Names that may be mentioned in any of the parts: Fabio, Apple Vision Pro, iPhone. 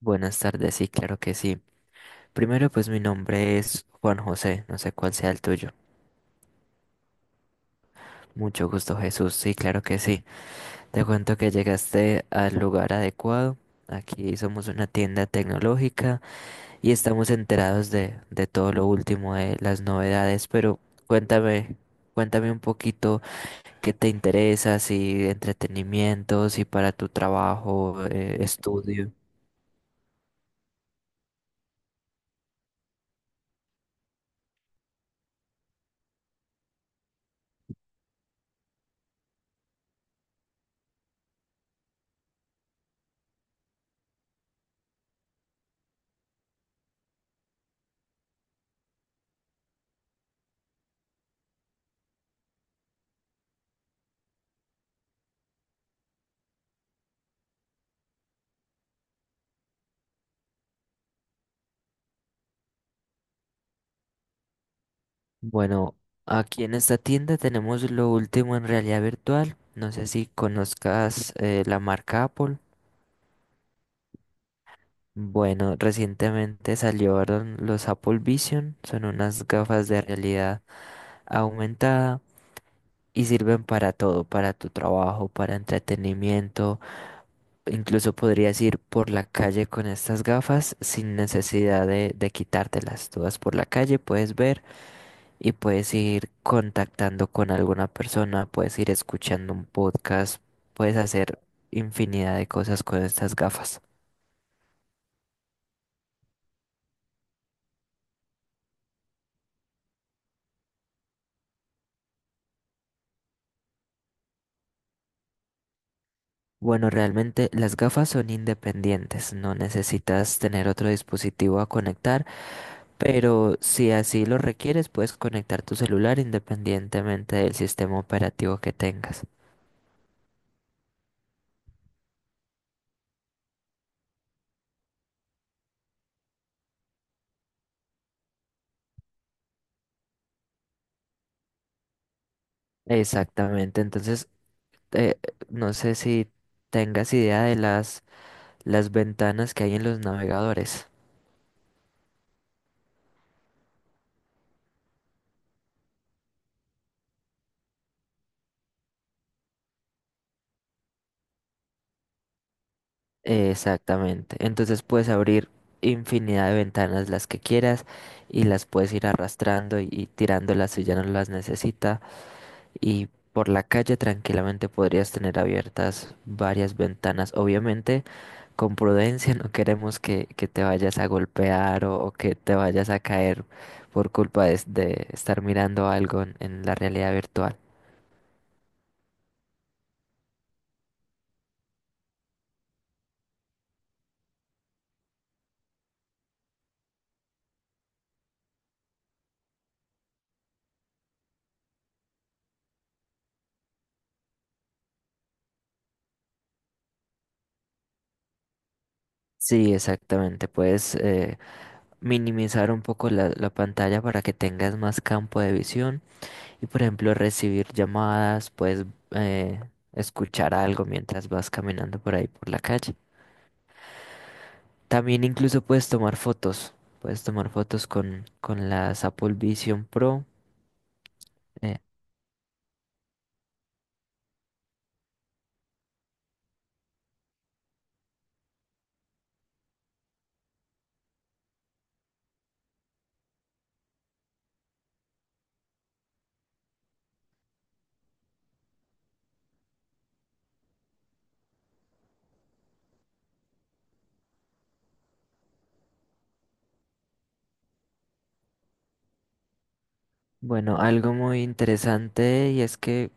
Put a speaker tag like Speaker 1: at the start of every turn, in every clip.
Speaker 1: Buenas tardes, sí, claro que sí. Primero, pues mi nombre es Juan José, no sé cuál sea el tuyo. Mucho gusto, Jesús, sí, claro que sí. Te cuento que llegaste al lugar adecuado. Aquí somos una tienda tecnológica y estamos enterados de todo lo último de las novedades, pero cuéntame, cuéntame un poquito qué te interesa, si entretenimiento, si para tu trabajo, estudio. Bueno, aquí en esta tienda tenemos lo último en realidad virtual. No sé si conozcas la marca Apple. Bueno, recientemente salieron los Apple Vision. Son unas gafas de realidad aumentada y sirven para todo, para tu trabajo, para entretenimiento. Incluso podrías ir por la calle con estas gafas sin necesidad de quitártelas. Tú vas por la calle, puedes ver. Y puedes ir contactando con alguna persona, puedes ir escuchando un podcast, puedes hacer infinidad de cosas con estas gafas. Bueno, realmente las gafas son independientes, no necesitas tener otro dispositivo a conectar, pero si así lo requieres, puedes conectar tu celular independientemente del sistema operativo que tengas. Exactamente, entonces eh, no sé si tengas idea de las ventanas que hay en los navegadores. Exactamente. Entonces puedes abrir infinidad de ventanas las que quieras y las puedes ir arrastrando y tirándolas si ya no las necesita. Y por la calle tranquilamente podrías tener abiertas varias ventanas. Obviamente, con prudencia, no queremos que te vayas a golpear o que te vayas a caer por culpa de estar mirando algo en la realidad virtual. Sí, exactamente. Puedes minimizar un poco la pantalla para que tengas más campo de visión y por ejemplo recibir llamadas, puedes eh, escuchar algo mientras vas caminando por ahí por la calle. También incluso puedes tomar fotos con las Apple Vision Pro. Eh, bueno, algo muy interesante y es que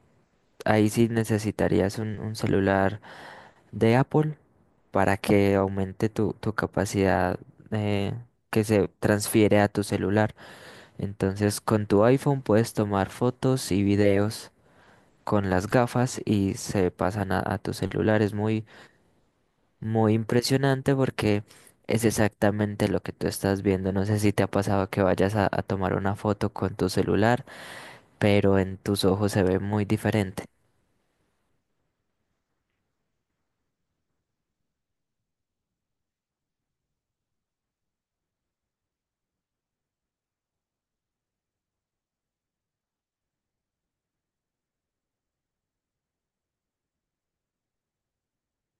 Speaker 1: ahí sí necesitarías un celular de Apple para que aumente tu capacidad eh, que se transfiere a tu celular. Entonces con tu iPhone puedes tomar fotos y videos con las gafas y se pasan a tu celular. Es muy, muy impresionante porque es exactamente lo que tú estás viendo. No sé si te ha pasado que vayas a tomar una foto con tu celular, pero en tus ojos se ve muy diferente.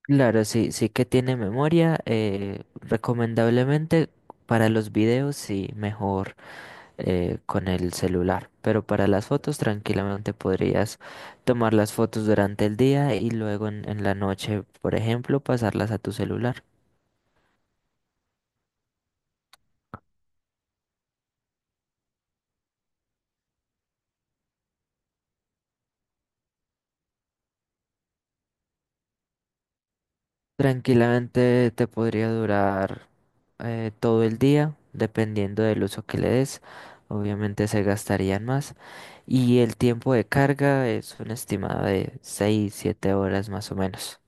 Speaker 1: Claro, sí, sí que tiene memoria. Recomendablemente para los videos, sí, mejor. Con el celular. Pero para las fotos tranquilamente podrías tomar las fotos durante el día y luego en la noche, por ejemplo, pasarlas a tu celular. Tranquilamente te podría durar todo el día, dependiendo del uso que le des. Obviamente se gastarían más. Y el tiempo de carga es un estimado de 6, 7 horas más o menos.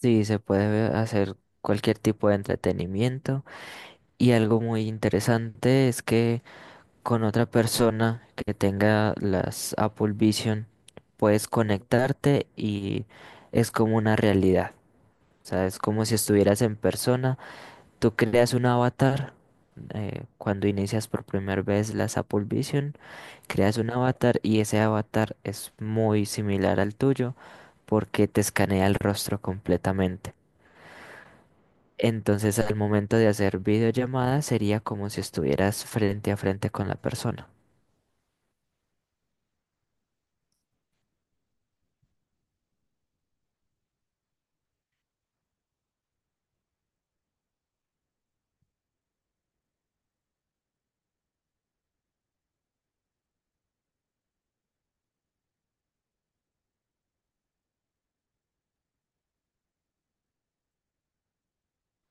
Speaker 1: Sí, se puede hacer cualquier tipo de entretenimiento. Y algo muy interesante es que con otra persona que tenga las Apple Vision, puedes conectarte y es como una realidad. O sea, es como si estuvieras en persona. Tú creas un avatar cuando inicias por primera vez las Apple Vision, creas un avatar y ese avatar es muy similar al tuyo porque te escanea el rostro completamente. Entonces, al momento de hacer videollamadas sería como si estuvieras frente a frente con la persona.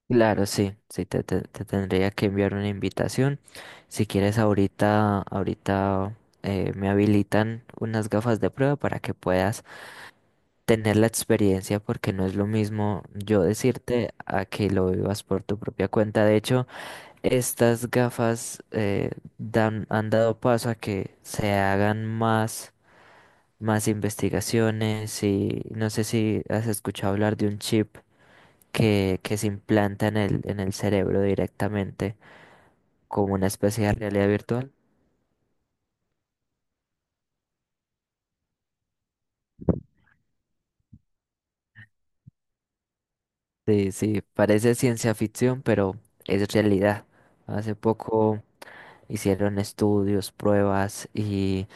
Speaker 1: Claro, sí, sí, te tendría que enviar una invitación. Si quieres, ahorita me habilitan unas gafas de prueba para que puedas tener la experiencia, porque no es lo mismo yo decirte a que lo vivas por tu propia cuenta. De hecho, estas gafas han dado paso a que se hagan más investigaciones y no sé si has escuchado hablar de un chip que se implanta en el cerebro directamente como una especie de realidad virtual. Sí, sí, parece ciencia ficción, pero es realidad. Hace poco hicieron estudios, pruebas y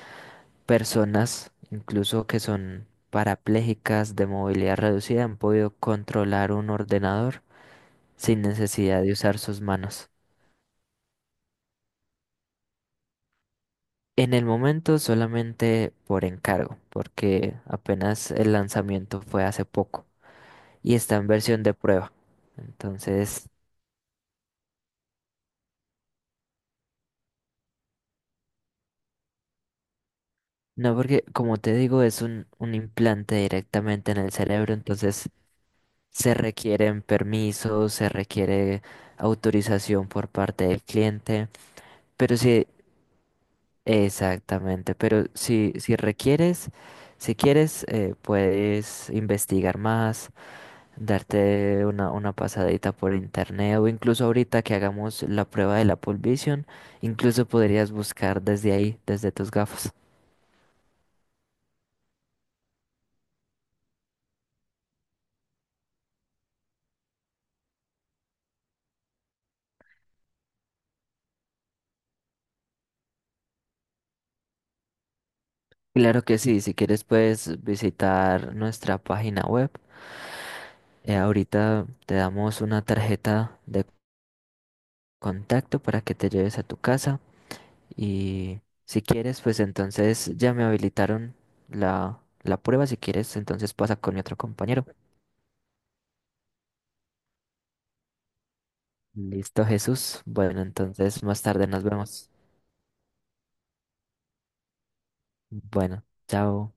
Speaker 1: personas, incluso que son parapléjicas de movilidad reducida, han podido controlar un ordenador sin necesidad de usar sus manos. En el momento solamente por encargo, porque apenas el lanzamiento fue hace poco y está en versión de prueba. Entonces. No, porque como te digo, es un implante directamente en el cerebro, entonces se requieren permisos, se requiere autorización por parte del cliente, pero sí, exactamente, pero si, requieres, si quieres, puedes investigar más, darte una pasadita por internet o incluso ahorita que hagamos la prueba de la Vision, incluso podrías buscar desde ahí, desde tus gafas. Claro que sí, si quieres puedes visitar nuestra página web. Ahorita te damos una tarjeta de contacto para que te lleves a tu casa y si quieres, pues entonces ya me habilitaron la prueba. Si quieres, entonces pasa con mi otro compañero. Listo, Jesús. Bueno, entonces más tarde nos vemos. Bueno, chao.